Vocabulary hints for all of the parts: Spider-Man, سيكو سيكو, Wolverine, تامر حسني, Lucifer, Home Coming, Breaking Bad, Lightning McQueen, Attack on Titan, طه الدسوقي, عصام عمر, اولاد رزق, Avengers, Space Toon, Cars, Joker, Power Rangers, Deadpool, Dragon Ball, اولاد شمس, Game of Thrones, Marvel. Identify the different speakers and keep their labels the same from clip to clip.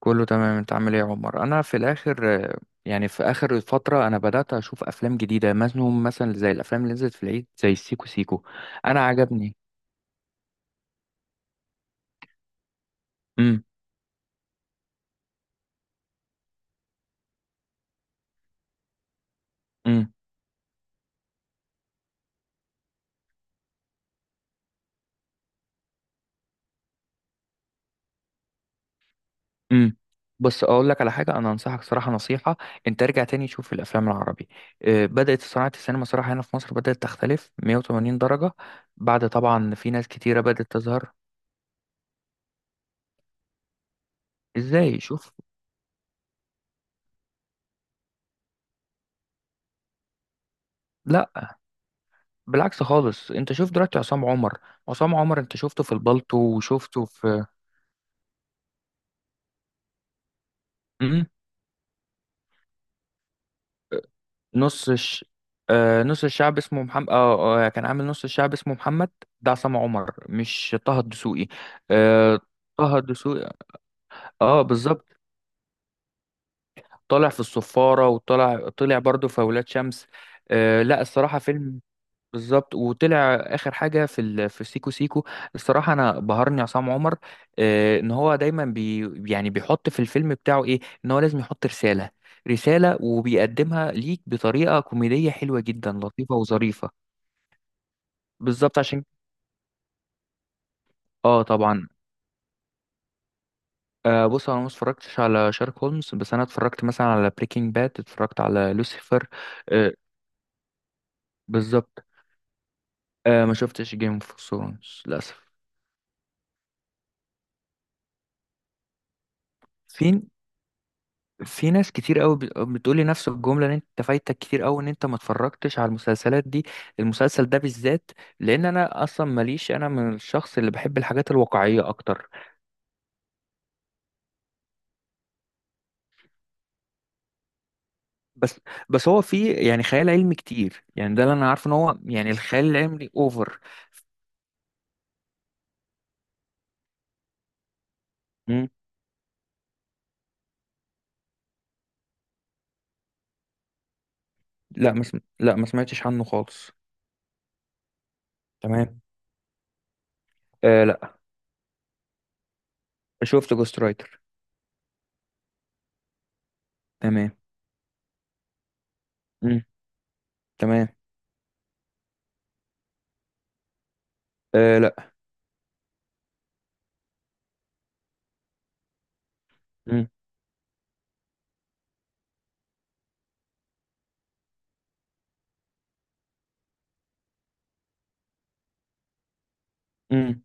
Speaker 1: كله تمام. انت عامل ايه يا عمر؟ انا في الاخر يعني في اخر فتره انا بدات اشوف افلام جديده مثلا زي الافلام اللي نزلت في العيد زي سيكو سيكو. انا عجبني. امم. امم. امم. بص اقول لك على حاجه، انا انصحك صراحه نصيحه، انت ارجع تاني شوف الافلام العربي. اه، بدات صناعه السينما صراحه هنا في مصر بدات تختلف 180 درجه. بعد طبعا في ناس كتيره بدات تظهر. ازاي؟ شوف. لا، بالعكس خالص. انت شوف دلوقتي عصام عمر. عصام عمر انت شفته في البالتو وشفته في... مم. نص الش... آه، نص الشعب اسمه محمد. كان عامل نص الشعب اسمه محمد. ده عصام عمر مش طه الدسوقي. آه. طه الدسوقي. اه، بالظبط. طالع في الصفارة، وطلع برضه في أولاد شمس. آه لا، الصراحة فيلم. بالظبط. وطلع آخر حاجة في سيكو سيكو. الصراحة أنا بهرني عصام عمر. آه، إن هو دايما يعني بيحط في الفيلم بتاعه إيه. إن هو لازم يحط رسالة. وبيقدمها ليك بطريقة كوميدية حلوة جدا، لطيفة وظريفة. بالظبط، عشان. اه، طبعا. آه، بص. انا ما اتفرجتش على شارك هولمز، بس انا اتفرجت مثلا على بريكنج باد، اتفرجت على لوسيفر. آه، بالظبط. آه، ما شفتش جيم اوف ثرونز للاسف. في في ناس كتير قوي بتقول لي نفس الجمله ان انت فايتك كتير قوي، ان انت ما اتفرجتش على المسلسلات دي، المسلسل ده بالذات. لان انا اصلا ماليش. انا من الشخص اللي بحب الحاجات الواقعيه اكتر. بس. هو في يعني خيال علمي كتير، يعني ده اللي انا عارفه، ان هو يعني الخيال العلمي اوفر. لا، ما سمعتش عنه خالص. تمام. آه لا. شفت جوست رايتر. تمام. مم. تمام. آه لا. مم. مم.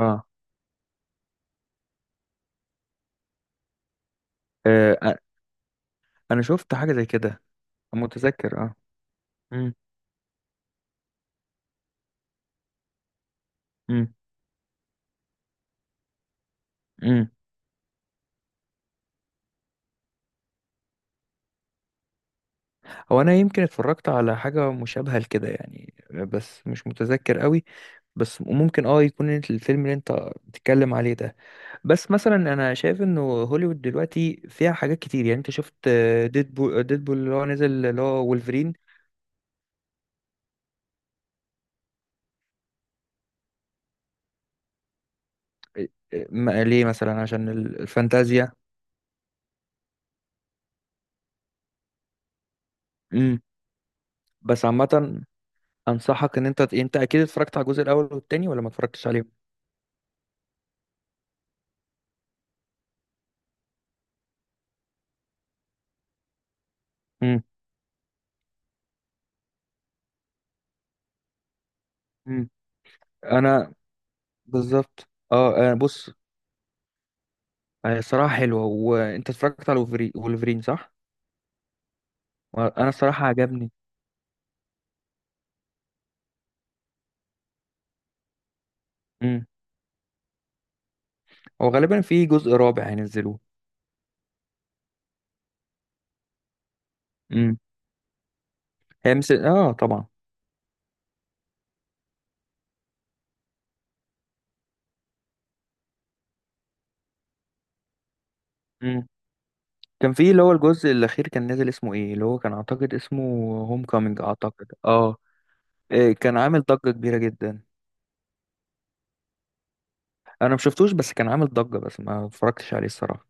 Speaker 1: آه. اه، انا شفت حاجه زي كده، متذكر اه. مم. مم. مم. هو انا يمكن اتفرجت على حاجه مشابهه لكده يعني، بس مش متذكر قوي، بس ممكن اه يكون الفيلم اللي انت بتتكلم عليه ده. بس مثلا انا شايف انه هوليوود دلوقتي فيها حاجات كتير، يعني انت شفت ديدبول. اللي هو نزل، اللي هو وولفرين. ليه مثلا؟ عشان الفانتازيا. امم. بس عامة، انصحك ان انت اكيد اتفرجت على الجزء الاول والتاني، ولا ما اتفرجتش عليهم؟ امم. مم. انا. بالظبط اه. أنا بص، هي الصراحة حلوة. وانت اتفرجت على وولفرين صح؟ انا الصراحة عجبني. امم. هو غالبا في جزء رابع هينزلوه. امم. هي مثل اه، طبعا. امم. كان في اللي هو الجزء الاخير كان نازل، اسمه ايه، اللي هو كان اعتقد اسمه هوم كومينج، اعتقد اه. إيه، كان عامل ضجة كبيرة جدا. انا ما شفتوش، بس كان عامل ضجة، بس ما اتفرجتش عليه الصراحة.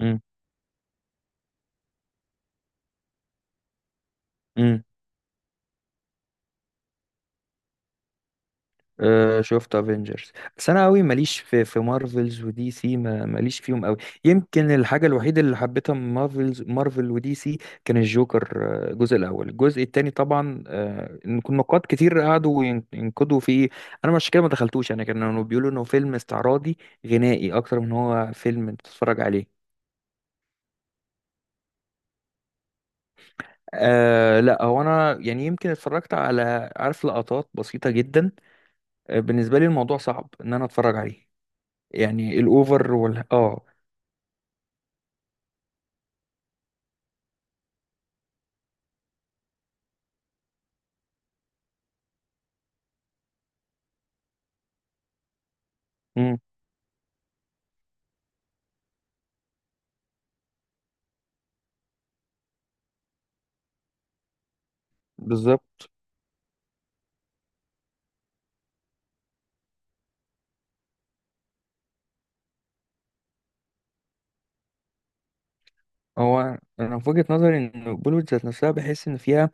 Speaker 1: امم. امم. أه، شفت افنجرز، بس انا قوي ماليش في. مارفلز ودي سي، ما ماليش فيهم قوي. يمكن الحاجة الوحيدة اللي حبيتها من مارفل ودي سي كان الجوكر. آه، الجزء الاول، الجزء التاني طبعا، آه، إن كنا نقاد كتير قعدوا ينقدوا فيه. انا مش كده، ما دخلتوش. انا كانوا بيقولوا انه فيلم استعراضي غنائي اكتر من هو فيلم انت تتفرج عليه. آه لا، هو انا يعني يمكن اتفرجت على، عارف، لقطات بسيطة جدا. بالنسبه لي الموضوع صعب ان انا اتفرج عليه، يعني الاوفر وال اه. امم. بالظبط. هو انا في وجهه نظري ان بوليوود ذات نفسها بحس ان فيها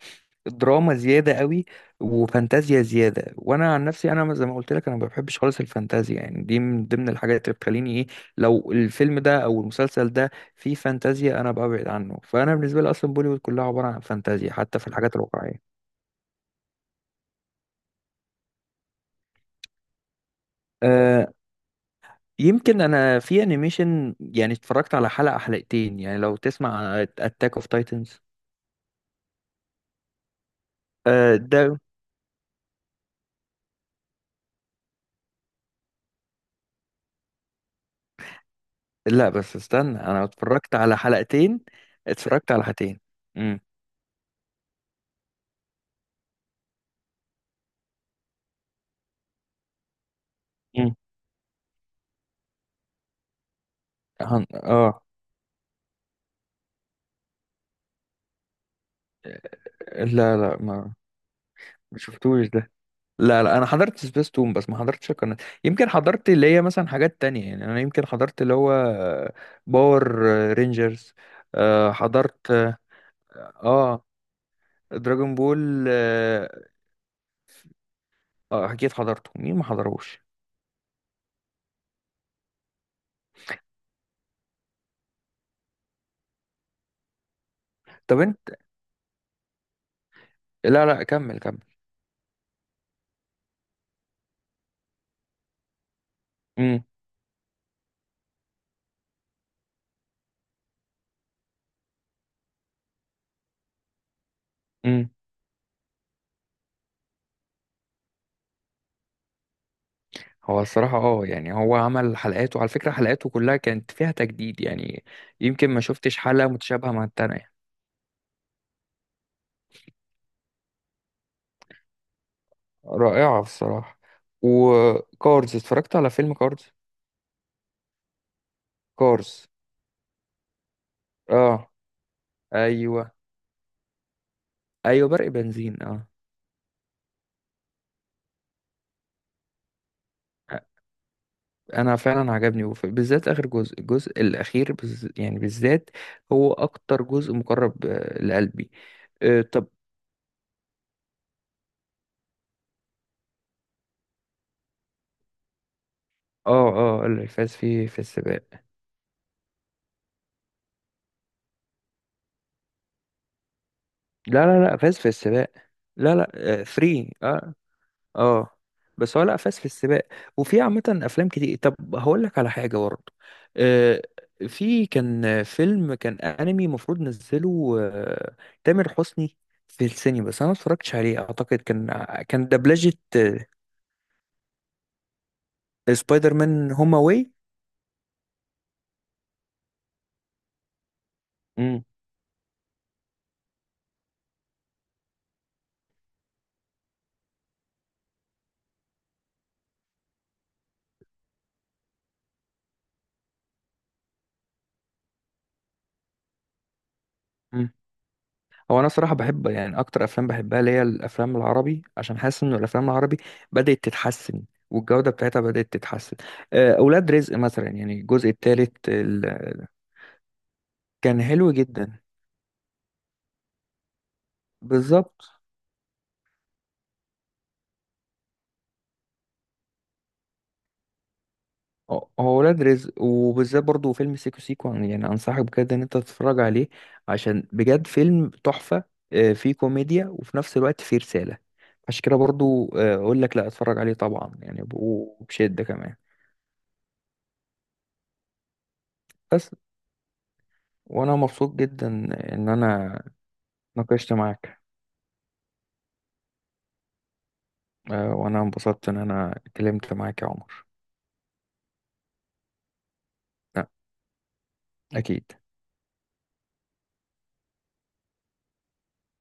Speaker 1: دراما زياده قوي، وفانتازيا زياده. وانا عن نفسي انا زي ما قلت لك، انا ما بحبش خالص الفانتازيا، يعني دي من ضمن الحاجات اللي بتخليني ايه، لو الفيلم ده او المسلسل ده فيه فانتازيا انا ببعد عنه. فانا بالنسبه لي اصلا بوليوود كلها عباره عن فانتازيا، حتى في الحاجات الواقعيه. آه، يمكن انا في انيميشن، يعني اتفرجت على حلقة حلقتين، يعني لو تسمع اتاك اوف تايتنز. ده؟ لا بس استنى، انا اتفرجت على حلقتين. اتفرجت على حلقتين. امم. امم. اه، لا لا، ما شفتوش ده. لا لا، انا حضرت سبيس تون، بس ما حضرتش القناة. يمكن حضرت اللي هي مثلا حاجات تانية، يعني انا يمكن حضرت اللي هو باور رينجرز. حضرت. اه، دراجون بول. اه، اكيد حضرته، مين ما حضروش؟ طب انت. لا لا، كمل كمل. امم. امم. هو الصراحة اه يعني، هو عمل حلقاته، على فكرة حلقاته كلها كانت فيها تجديد، يعني يمكن ما شفتش حلقة متشابهة مع التانية يعني. رائعة الصراحة. وكارز، اتفرجت على فيلم كارز. كارز. اه. ايوه. ايوه، برق بنزين اه. انا فعلا عجبني، بالذات اخر جزء، الجزء الاخير يعني بالذات هو اكتر جزء مقرب آه، لقلبي. آه، طب. اه اه، قال لي فاز في. السباق. لا لا لا، فاز في السباق. لا لا، فري اه free. اه. آه. بس هو لا، فاز في السباق. وفي عامة أفلام كتير. طب هقول لك على حاجة برضه. آه. في كان فيلم، كان أنمي المفروض نزله آه، تامر حسني في السينما، بس أنا ما اتفرجتش عليه، أعتقد كان دبلجة آه، سبايدر مان هوم أواي. هو انا صراحه بحب، يعني اكتر افلام بحبها اللي هي الافلام العربي، عشان حاسس ان الافلام العربي بدات تتحسن، والجوده بتاعتها بدات تتحسن. آه، اولاد رزق مثلا، يعني الجزء الثالث كان حلو جدا. بالظبط. هو اولاد رزق، وبالذات برضو فيلم سيكو سيكو، يعني انصحك بجد ان انت تتفرج عليه، عشان بجد فيلم تحفه. آه، فيه كوميديا وفي نفس الوقت فيه رساله، عشان كده برضو آه، اقول لك لا اتفرج عليه طبعا، يعني وبشده كمان. بس. وانا مبسوط جدا ان انا ناقشت معاك. آه، وانا انبسطت ان انا اتكلمت معاك يا عمر. لا، اكيد.